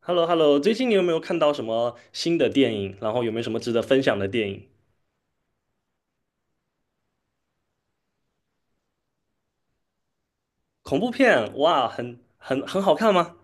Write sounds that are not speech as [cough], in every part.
h e l l o 最近你有没有看到什么新的电影？然后有没有什么值得分享的电影？恐怖片，哇，很好看吗？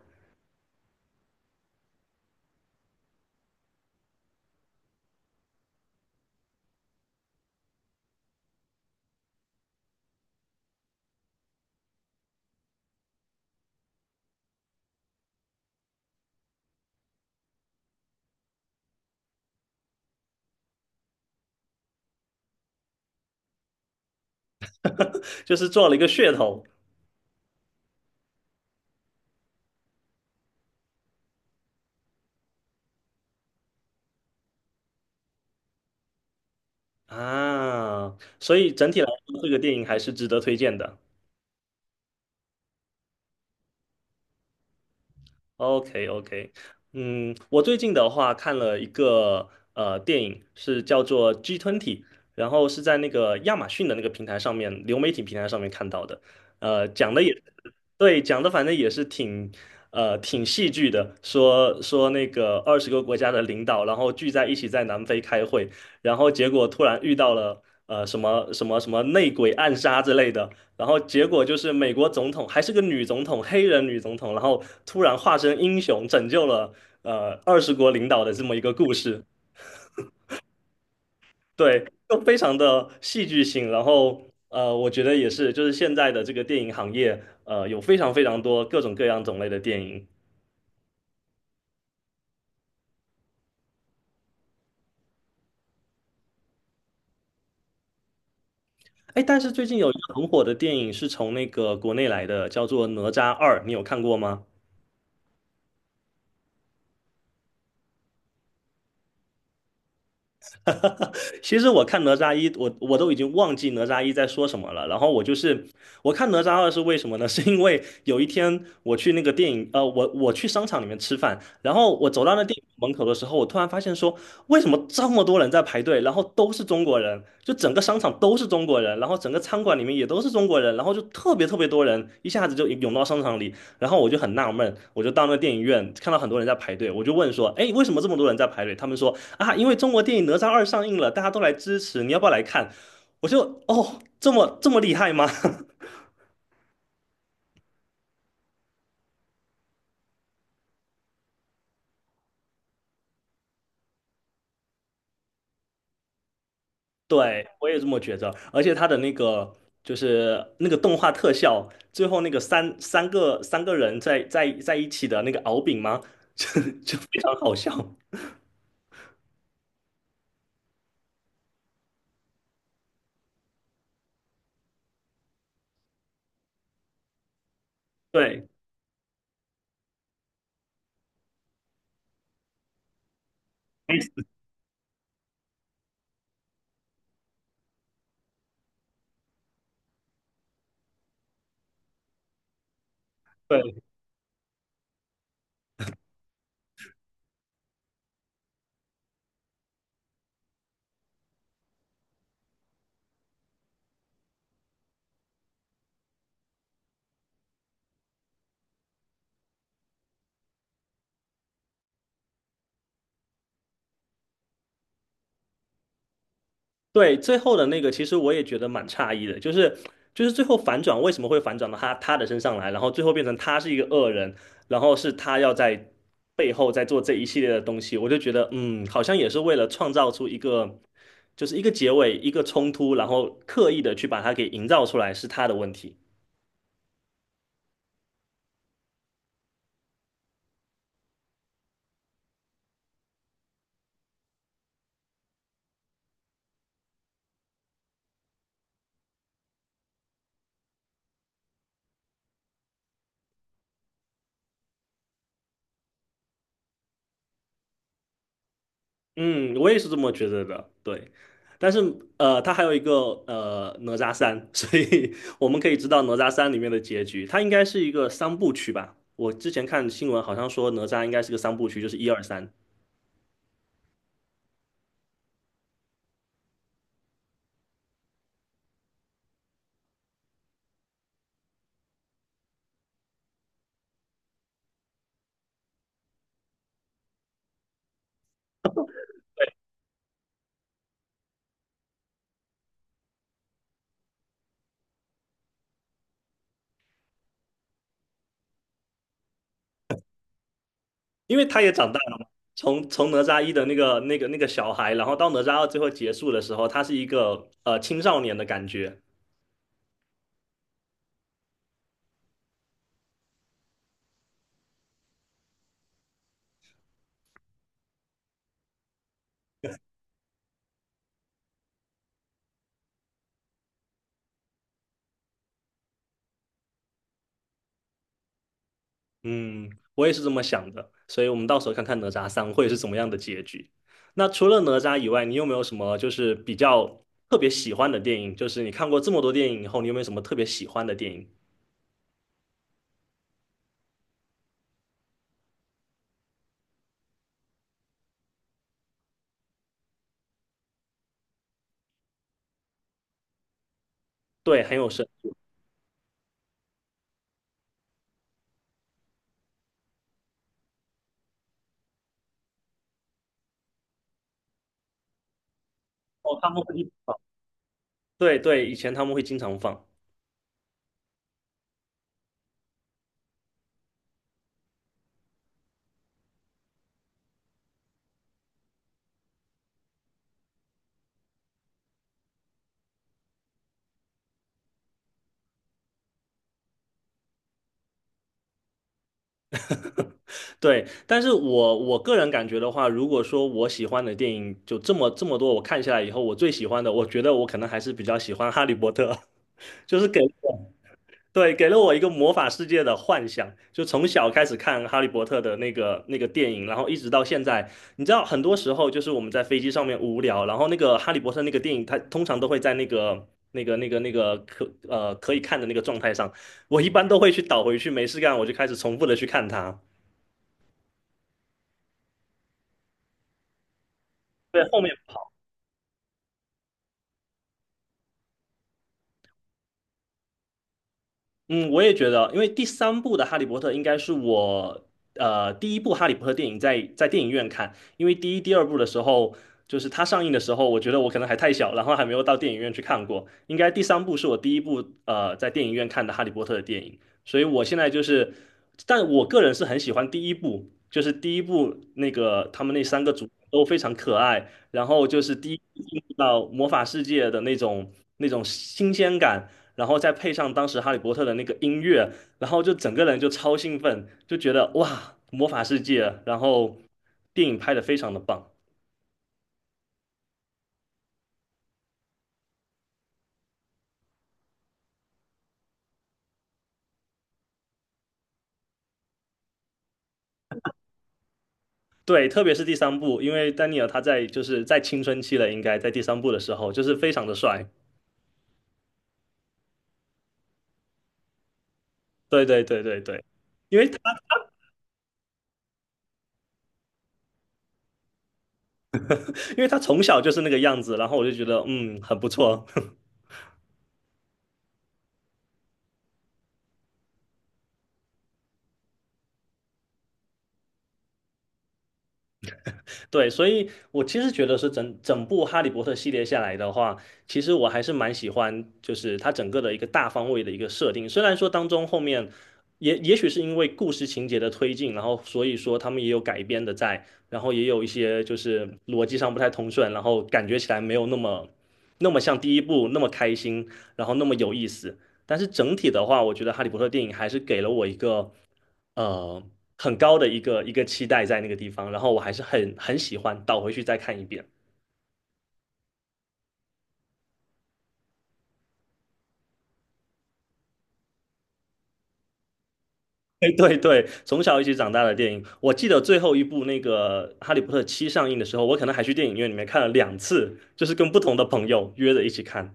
[laughs] 就是做了一个噱头啊，所以整体来说，这个电影还是值得推荐的。OK OK，嗯，我最近的话看了一个电影，是叫做《g 吞体》，然后是在那个亚马逊的那个平台上面，流媒体平台上面看到的。讲的也对，讲的反正也是挺戏剧的，说说那个20个国家的领导，然后聚在一起在南非开会，然后结果突然遇到了什么什么什么内鬼暗杀之类的，然后结果就是美国总统还是个女总统，黑人女总统，然后突然化身英雄，拯救了20国领导的这么一个故事，对，就非常的戏剧性。然后我觉得也是，就是现在的这个电影行业，有非常非常多各种各样种类的电影。哎，但是最近有一个很火的电影是从那个国内来的，叫做《哪吒二》，你有看过吗？[laughs] 其实我看哪吒一，我都已经忘记哪吒一在说什么了。然后我就是我看哪吒二是为什么呢？[laughs] 是因为有一天我去那个电影，我去商场里面吃饭，然后我走到那电影门口的时候，我突然发现说，为什么这么多人在排队？然后都是中国人，就整个商场都是中国人，然后整个餐馆里面也都是中国人，然后就特别特别多人，一下子就涌到商场里。然后我就很纳闷，我就到那电影院看到很多人在排队，我就问说，哎，为什么这么多人在排队？他们说。啊，因为中国电影《哪吒二》上映了，大家都来支持，你要不要来看？我就哦，这么这么厉害吗？[laughs] 对，我也这么觉着。而且他的那个就是那个动画特效，最后那个三个人在一起的那个敖丙吗？[laughs] 就就非常好笑。对，对对，最后的那个，其实我也觉得蛮诧异的，就是最后反转为什么会反转到他的身上来，然后最后变成他是一个恶人，然后是他要在背后在做这一系列的东西，我就觉得好像也是为了创造出一个就是一个结尾，一个冲突，然后刻意的去把它给营造出来是他的问题。嗯，我也是这么觉得的，对。但是它还有一个哪吒三，所以 [laughs] 我们可以知道哪吒三里面的结局，它应该是一个三部曲吧？我之前看新闻好像说哪吒应该是个三部曲，就是一二三，因为他也长大了嘛。从哪吒一的那个小孩，然后到哪吒二最后结束的时候，他是一个青少年的感觉，嗯，我也是这么想的，所以我们到时候看看哪吒三会是怎么样的结局。那除了哪吒以外，你有没有什么就是比较特别喜欢的电影？就是你看过这么多电影以后，你有没有什么特别喜欢的电影？对，很有深哦，他们会一直放，对对，以前他们会经常放，对。但是我个人感觉的话，如果说我喜欢的电影就这么这么多，我看下来以后，我最喜欢的，我觉得我可能还是比较喜欢《哈利波特》，[laughs] 就是给。对，给了我一个魔法世界的幻想，就从小开始看《哈利波特》的那个电影，然后一直到现在。你知道，很多时候就是我们在飞机上面无聊，然后那个《哈利波特》那个电影，它通常都会在那个可以看的那个状态上，我一般都会去倒回去，没事干我就开始重复的去看它。对，后面嗯，我也觉得，因为第三部的《哈利波特》应该是我第一部《哈利波特》电影在电影院看，因为第一、第二部的时候，就是它上映的时候，我觉得我可能还太小，然后还没有到电影院去看过。应该第三部是我第一部在电影院看的《哈利波特》的电影，所以我现在就是，但我个人是很喜欢第一部，就是第一部那个他们那三个主角都非常可爱，然后就是第一部进入到魔法世界的那种那种新鲜感。然后再配上当时哈利波特的那个音乐，然后就整个人就超兴奋，就觉得哇，魔法世界，然后电影拍得非常的棒。对，特别是第三部，因为丹尼尔他在就是在青春期了，应该在第三部的时候就是非常的帅。对对对对对，因为他因为他从小就是那个样子，然后我就觉得很不错。[laughs] 对，所以我其实觉得是整整部《哈利波特》系列下来的话，其实我还是蛮喜欢，就是它整个的一个大方位的一个设定。虽然说当中后面也许是因为故事情节的推进，然后所以说他们也有改编的在，然后也有一些就是逻辑上不太通顺，然后感觉起来没有那么那么像第一部那么开心，然后那么有意思。但是整体的话，我觉得《哈利波特》电影还是给了我一个。呃很高的一个期待在那个地方，然后我还是很喜欢，倒回去再看一遍。[laughs] 哎，对对，从小一起长大的电影，我记得最后一部那个《哈利波特七》上映的时候，我可能还去电影院里面看了2次，就是跟不同的朋友约着一起看。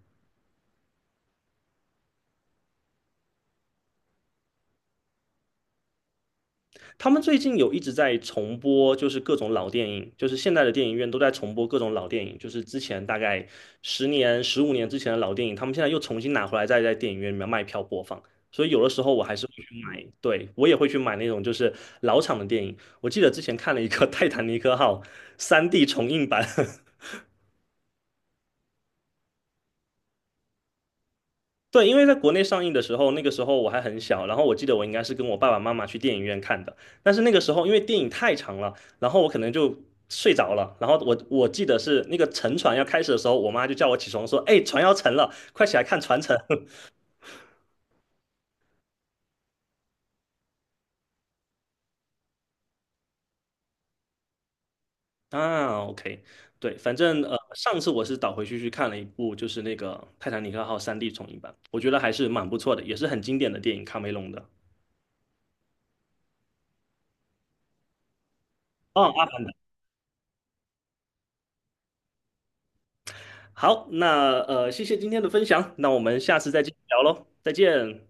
他们最近有一直在重播，就是各种老电影，就是现在的电影院都在重播各种老电影，就是之前大概10年、15年之前的老电影，他们现在又重新拿回来，再在电影院里面卖票播放。所以有的时候我还是会去买，对，我也会去买那种就是老厂的电影。我记得之前看了一个《泰坦尼克号》3D 重映版 [laughs] 对，因为在国内上映的时候，那个时候我还很小，然后我记得我应该是跟我爸爸妈妈去电影院看的，但是那个时候因为电影太长了，然后我可能就睡着了，然后我记得是那个沉船要开始的时候，我妈就叫我起床说：“哎，船要沉了，快起来看船沉。” [laughs] 啊，OK，对，反正上次我是倒回去去看了一部，就是那个《泰坦尼克号》3D 重映版，我觉得还是蛮不错的，也是很经典的电影，卡梅隆的。哦，《阿凡达》好，那谢谢今天的分享，那我们下次再继续聊喽，再见。